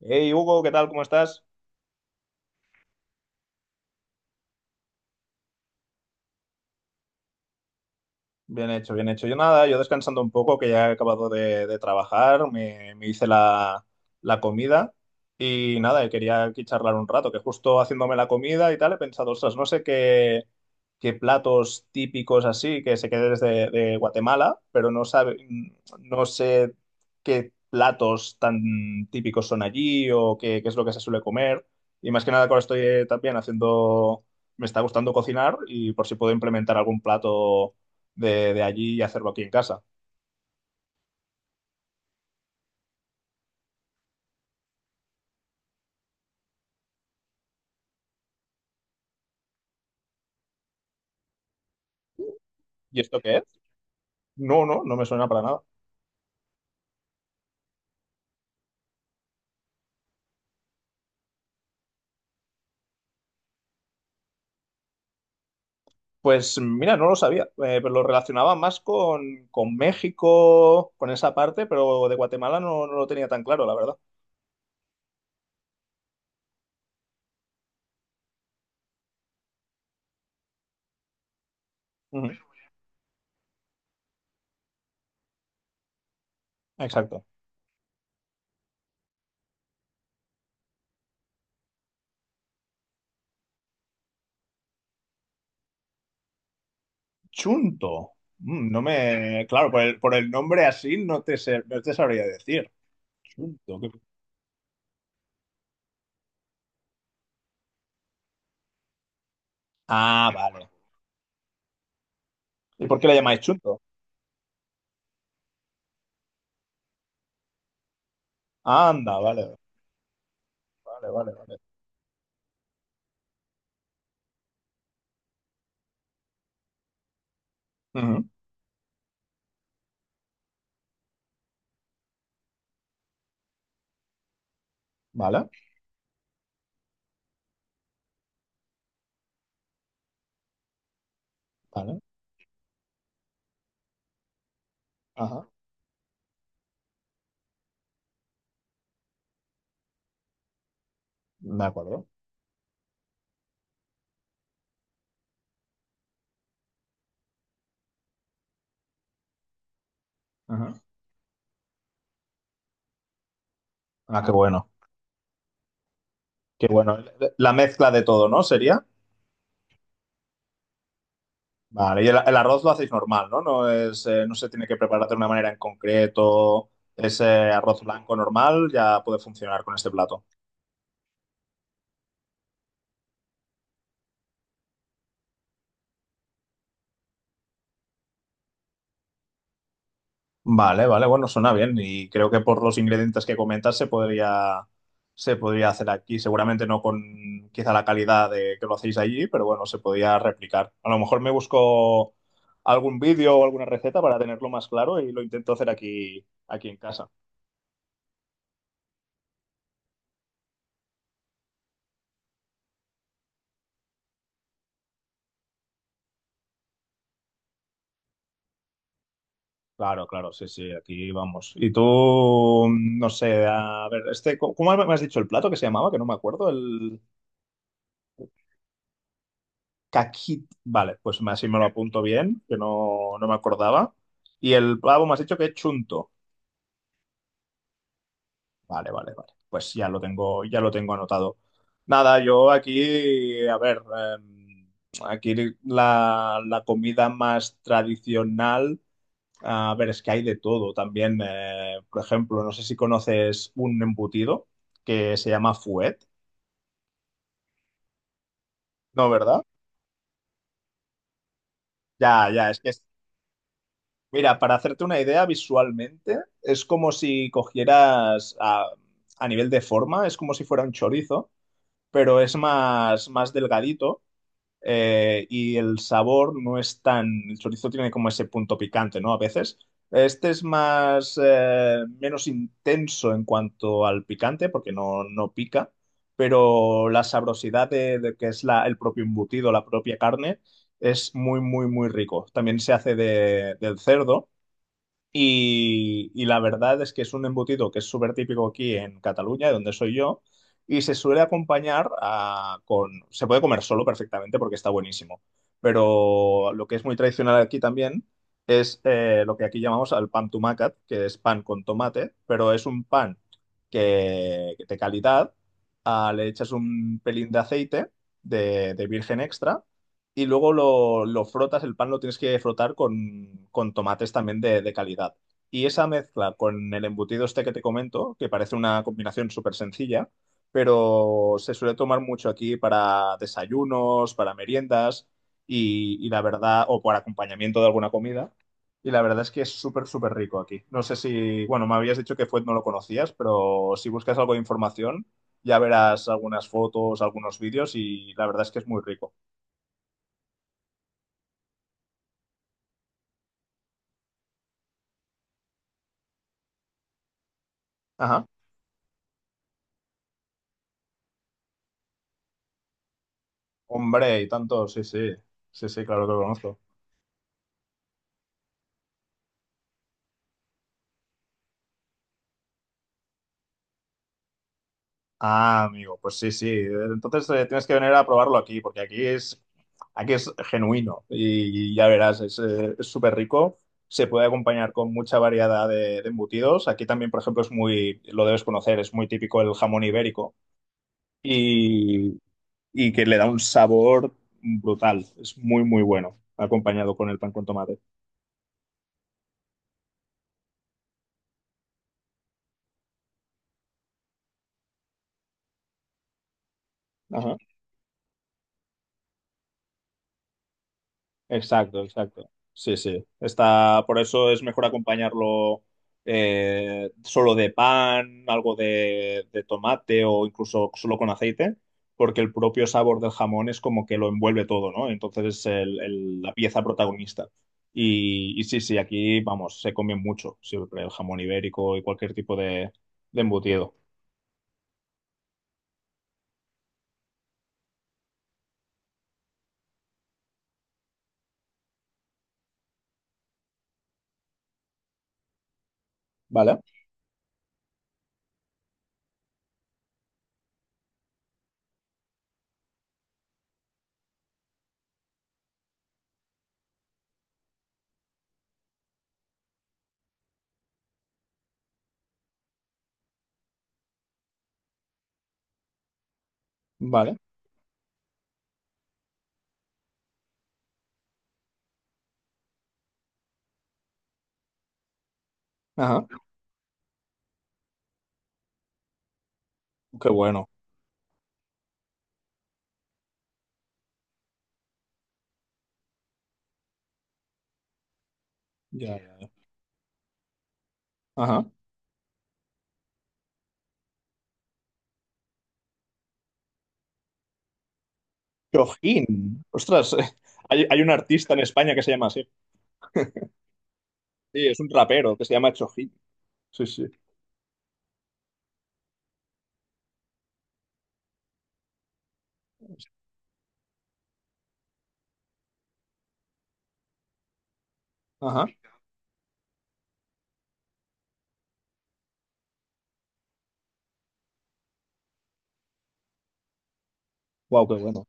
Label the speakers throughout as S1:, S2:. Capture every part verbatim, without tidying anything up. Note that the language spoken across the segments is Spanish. S1: Hey Hugo, ¿qué tal? ¿Cómo estás? Bien hecho, bien hecho. Yo nada, yo descansando un poco, que ya he acabado de, de trabajar, me, me hice la, la comida y nada, y quería aquí charlar un rato, que justo haciéndome la comida y tal, he pensado, ostras, no sé qué, qué platos típicos así que se queden desde de Guatemala, pero no sabe, no sé qué platos tan típicos son allí o qué, qué es lo que se suele comer. Y más que nada, ahora estoy eh, también haciendo, me está gustando cocinar y por si puedo implementar algún plato de, de allí y hacerlo aquí en casa. ¿Y esto qué es? No, no, no me suena para nada. Pues mira, no lo sabía, eh, pero lo relacionaba más con, con México, con esa parte, pero de Guatemala no, no lo tenía tan claro, la verdad. Ujú. Exacto. Chunto. Mm, no me. Claro, por el, por el nombre así no te, sé- no te sabría decir. Chunto. ¿qué- Ah, vale. ¿Y por qué le llamáis chunto? Anda, vale. Vale, vale, vale. Ujú. Vale, vale. Ajá. De acuerdo. Ajá. Ah, qué bueno. Que bueno, la mezcla de todo, ¿no? Sería. Vale, y el, el arroz lo hacéis normal, ¿no? No es, eh, no se tiene que preparar de una manera en concreto. Ese arroz blanco normal ya puede funcionar con este plato. Vale, vale, bueno, suena bien. Y creo que por los ingredientes que comentas se podría, se podría hacer aquí. Seguramente no con quizá la calidad de que lo hacéis allí, pero bueno, se podría replicar. A lo mejor me busco algún vídeo o alguna receta para tenerlo más claro y lo intento hacer aquí, aquí en casa. Claro, claro, sí, sí, aquí vamos. Y tú, mm, no sé, a ver, este, ¿cómo cómo me has dicho el plato que se llamaba? Que no me acuerdo, el caquit. Vale, pues me- así me lo apunto bien, que no, no me acordaba. Y el pavo me has dicho que es chunto. Vale, vale, vale. Pues ya lo tengo, ya lo tengo anotado. Nada, yo aquí, a ver, eh, aquí la, la comida más tradicional. A ver, es que hay de todo también. Eh, por ejemplo, no sé si conoces un embutido que se llama fuet, ¿no, verdad? Ya, ya, es que es- Mira, para hacerte una idea visualmente, es como si cogieras a, a nivel de forma, es como si fuera un chorizo, pero es más, más delgadito, eh, y el sabor no es tan, el chorizo tiene como ese punto picante, ¿no? A veces. Este es más, eh, menos intenso en cuanto al picante, porque no, no pica, pero la sabrosidad de, de que es la, el propio embutido, la propia carne, es muy, muy, muy rico. También se hace de, del cerdo y, y la verdad es que es un embutido que es súper típico aquí en Cataluña, de donde soy yo, y se suele acompañar a- con... Se puede comer solo perfectamente porque está buenísimo, pero lo que es muy tradicional aquí también es, eh, lo que aquí llamamos al pan tumacat, que es pan con tomate, pero es un pan que, que de calidad, ah, le echas un pelín de aceite de de virgen extra y luego lo, lo frotas, el pan lo tienes que frotar con, con tomates también de, de calidad. Y esa mezcla con el embutido este que te comento, que parece una combinación súper sencilla, pero se suele tomar mucho aquí para desayunos, para meriendas y, y la verdad, o por acompañamiento de alguna comida. Y la verdad es que es súper, súper rico aquí. No sé si, bueno, me habías dicho que fuet no lo conocías, pero si buscas algo de información, ya verás algunas fotos, algunos vídeos y la verdad es que es muy rico. Ajá. Hombre, y tanto, sí, sí. Sí, sí, claro que lo conozco. Ah, amigo, pues sí, sí. Entonces, eh, tienes que venir a probarlo aquí, porque aquí es, aquí es genuino y, ya verás, es, eh, es súper rico. Se puede acompañar con mucha variedad de, de embutidos. Aquí también, por ejemplo, es muy, lo debes conocer, es muy típico el jamón ibérico y, y que le da un sabor brutal. Es muy, muy bueno, acompañado con el pan con tomate. Ajá. Exacto, exacto. Sí, sí. Está, por eso es mejor acompañarlo, eh, solo de pan, algo de, de tomate o incluso solo con aceite, porque el propio sabor del jamón es como que lo envuelve todo, ¿no? Entonces es el- el- la pieza protagonista. Y, y sí, sí, aquí, vamos, se come mucho siempre el jamón ibérico y cualquier tipo de, de embutido. ¿Vale? ¿Vale? Ajá. Qué bueno. Ya, ya, ya. Ajá. Chojín. Ostras, eh, hay, hay un artista en España que se llama así. Sí, es un rapero que se llama Chojín. Sí, sí. Ajá. Wow, qué bueno.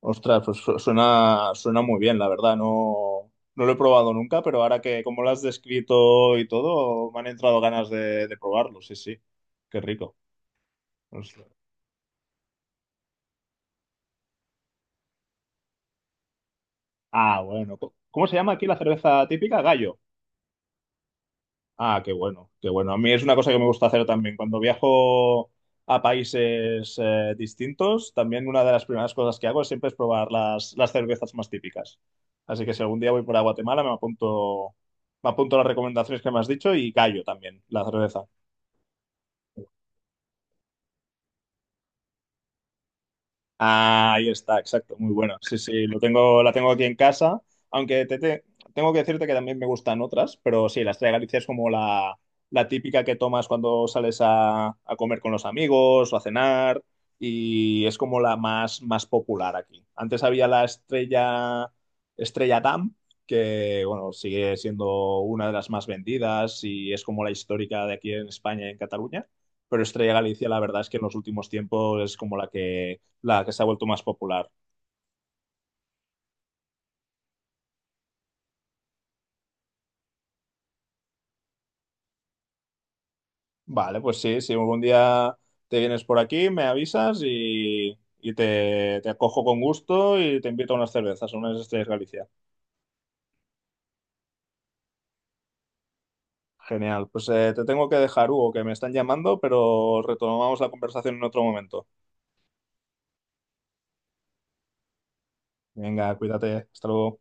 S1: Ostras, pues su- suena, suena muy bien, la verdad. No, no lo he probado nunca, pero ahora que como lo has descrito y todo, me han entrado ganas de, de probarlo. Sí, sí. Qué rico. Ostras. Ah, bueno. ¿Cómo cómo se llama aquí la cerveza típica? Gallo. Ah, qué bueno, qué bueno. A mí es una cosa que me gusta hacer también. Cuando viajo a países, eh, distintos, también una de las primeras cosas que hago es siempre es probar las, las cervezas más típicas. Así que si algún día voy por a Guatemala, me apunto, me apunto las recomendaciones que me has dicho y callo también la cerveza. Ah, ahí está, exacto, muy bueno. Sí, sí, lo tengo, la tengo aquí en casa, aunque te, te- tengo que decirte que también me gustan otras, pero sí, la Estrella de Galicia es como la, la típica que tomas cuando sales a, a comer con los amigos o a cenar y es como la más, más popular aquí. Antes había la Estrella, Estrella Damm, que bueno, sigue siendo una de las más vendidas y es como la histórica de aquí en España y en Cataluña. Pero Estrella Galicia, la verdad es que en los últimos tiempos es como la que la que se ha vuelto más popular. Vale, pues sí, si algún día te vienes por aquí, me avisas y, y te, te acojo con gusto y te invito a unas cervezas, a unas estrellas Galicia. Genial, pues eh, te tengo que dejar, Hugo, que me están llamando, pero retomamos la conversación en otro momento. Venga, cuídate, hasta luego.